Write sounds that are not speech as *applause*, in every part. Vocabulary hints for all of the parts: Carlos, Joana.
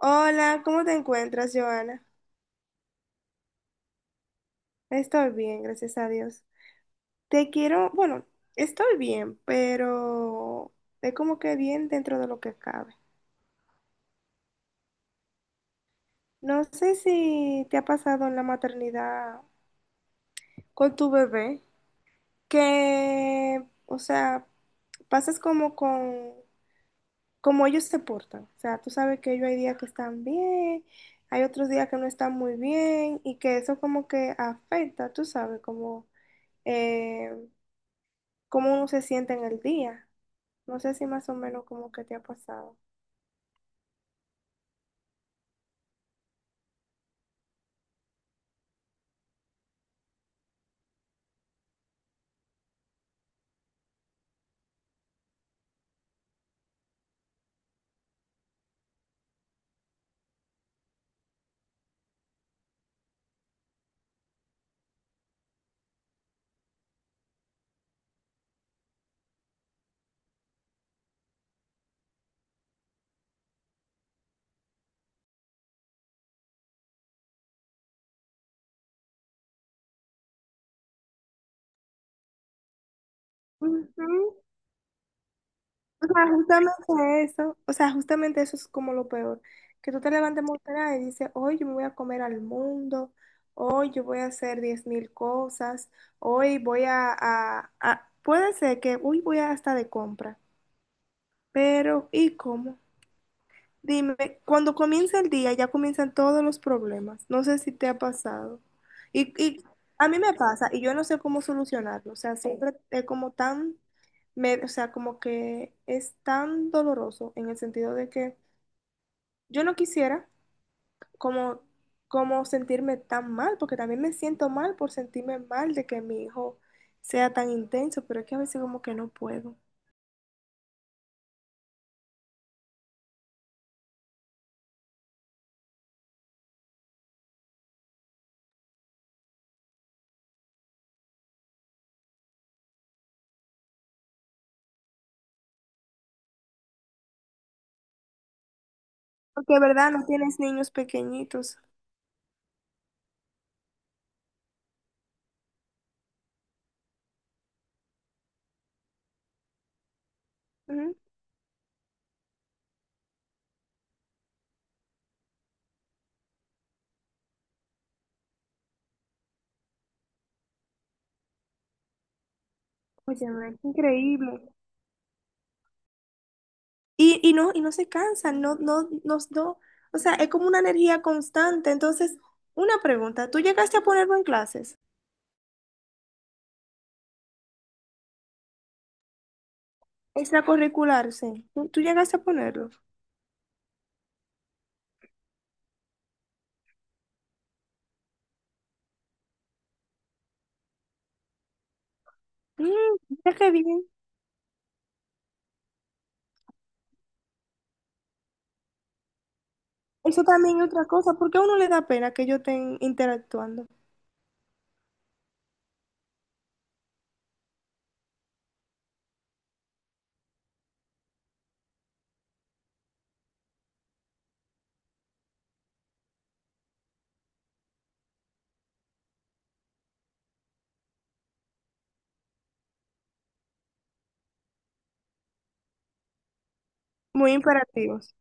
Hola, ¿cómo te encuentras, Joana? Estoy bien, gracias a Dios. Te quiero, bueno, estoy bien, pero es como que bien dentro de lo que cabe. No sé si te ha pasado en la maternidad con tu bebé, que, o sea, pasas como con, como ellos se portan. O sea, tú sabes que ellos hay días que están bien, hay otros días que no están muy bien y que eso como que afecta, tú sabes, como... eh, cómo uno se siente en el día. No sé si más o menos como que te ha pasado. Ujú. O sea, justamente eso, o sea, justamente eso es como lo peor, que tú te levantes muy temprano y dices, hoy yo me voy a comer al mundo, hoy yo voy a hacer 10.000 cosas, hoy voy a, puede ser que, hoy voy a hasta de compra, pero ¿y cómo? Dime, cuando comienza el día ya comienzan todos los problemas. No sé si te ha pasado. Y a mí me pasa y yo no sé cómo solucionarlo. O sea, siempre es como tan, o sea, como que es tan doloroso en el sentido de que yo no quisiera como, como sentirme tan mal, porque también me siento mal por sentirme mal de que mi hijo sea tan intenso, pero es que a veces como que no puedo. Porque, ¿verdad? No tienes niños pequeñitos. Ujú. Óyeme, qué increíble. Y no se cansan, no, no, no, no, o sea, es como una energía constante. Entonces, una pregunta, ¿tú llegaste a ponerlo en clases? Extracurricular, sí. ¿Tú, tú llegaste a ponerlo? Mm, mira qué bien. Eso también es otra cosa, porque a uno le da pena que ellos estén interactuando. Muy imperativos.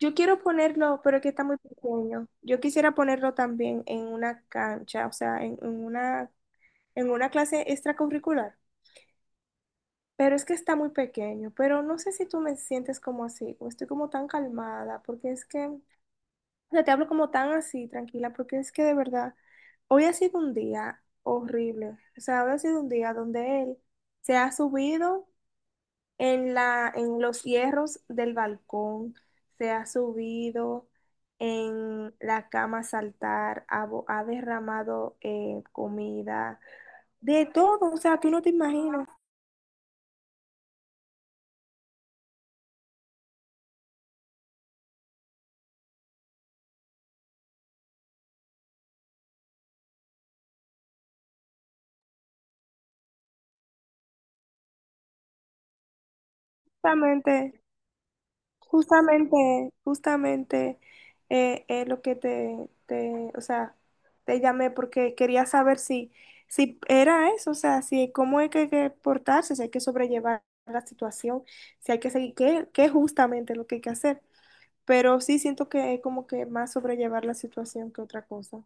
Yo quiero ponerlo, pero es que está muy pequeño. Yo quisiera ponerlo también en una cancha, o sea, en una clase extracurricular. Pero es que está muy pequeño, pero no sé si tú me sientes como así, o estoy como tan calmada, porque es que, o sea, te hablo como tan así, tranquila, porque es que de verdad, hoy ha sido un día horrible, o sea, hoy ha sido un día donde él se ha subido en la, en los hierros del balcón, se ha subido en la cama a saltar, ha, ha derramado comida, de todo, o sea, tú no te imaginas, exactamente. Justamente, justamente es lo que te, o sea, te llamé porque quería saber si, si era eso, o sea, si cómo es que hay que portarse, si hay que sobrellevar la situación, si hay que seguir, qué, qué es justamente lo que hay que hacer. Pero sí siento que es como que más sobrellevar la situación que otra cosa.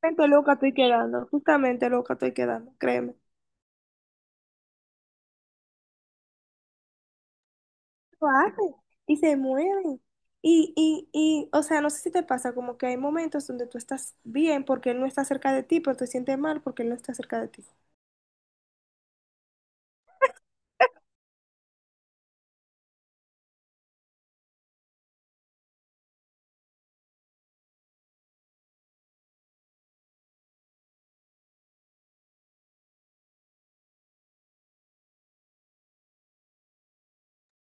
Justamente loca estoy quedando, justamente loca estoy quedando, créeme. Lo hacen y se mueven. O sea, no sé si te pasa, como que hay momentos donde tú estás bien porque él no está cerca de ti, pero te sientes mal porque él no está cerca de ti.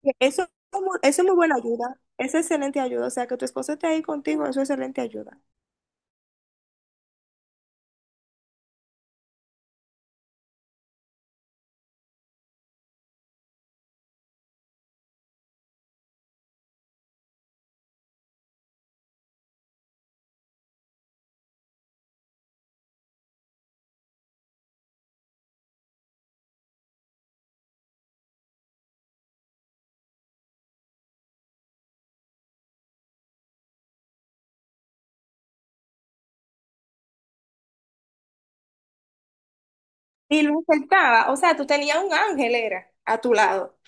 Y eso, es eso es muy buena ayuda, es excelente ayuda, o sea, que tu esposo esté ahí contigo, eso es excelente ayuda. Y lo aceptaba, o sea, tú tenías un ángel, era, a tu lado.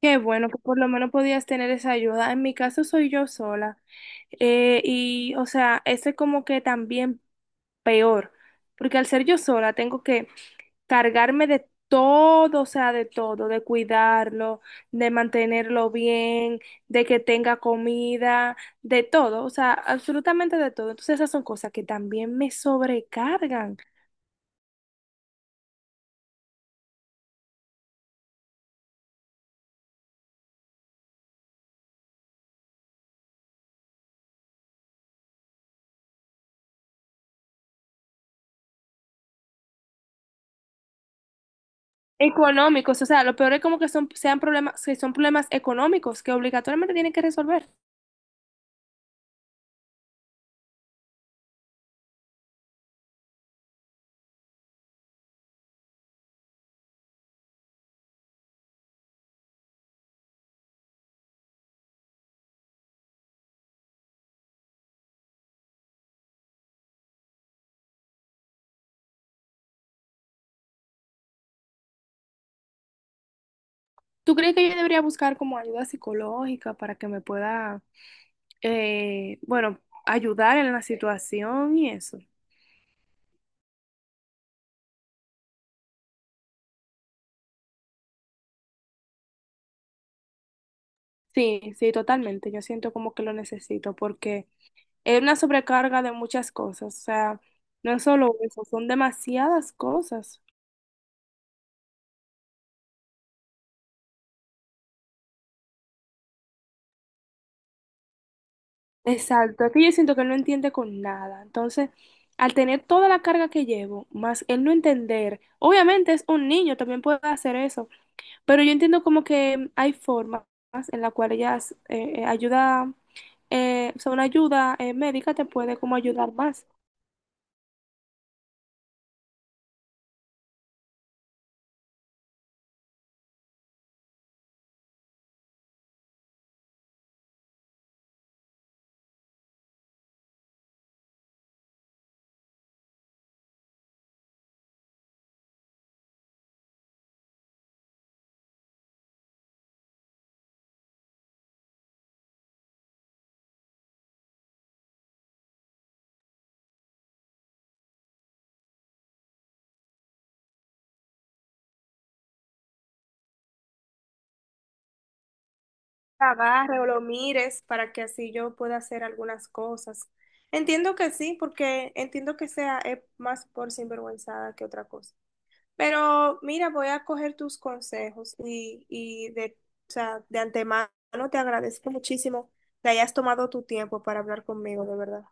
Qué bueno que por lo menos podías tener esa ayuda. En mi caso soy yo sola. Y, o sea, ese como que también peor, porque al ser yo sola tengo que cargarme de todo, o sea, de todo, de cuidarlo, de mantenerlo bien, de que tenga comida, de todo, o sea, absolutamente de todo. Entonces esas son cosas que también me sobrecargan. Económicos, o sea, lo peor es como que son, sean problemas, que son problemas económicos que obligatoriamente tienen que resolver. ¿Tú crees que yo debería buscar como ayuda psicológica para que me pueda, bueno, ayudar en la situación y eso? Sí, sí, totalmente. Yo siento como que lo necesito porque es una sobrecarga de muchas cosas, o sea, no es solo eso, son demasiadas cosas. Exacto, es que yo siento que él no entiende con nada. Entonces, al tener toda la carga que llevo, más él no entender, obviamente es un niño, también puede hacer eso, pero yo entiendo como que hay formas en las cuales ellas ayuda, o sea, una ayuda médica te puede como ayudar más. Agarre o lo mires para que así yo pueda hacer algunas cosas. Entiendo que sí, porque entiendo que sea más por sinvergüenzada que otra cosa. Pero mira, voy a coger tus consejos y de, o sea, de antemano te agradezco muchísimo que hayas tomado tu tiempo para hablar conmigo, de verdad.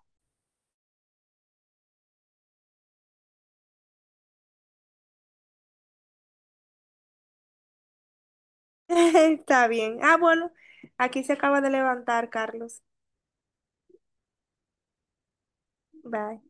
*laughs* Está bien. Ah, bueno, aquí se acaba de levantar, Carlos. Bye.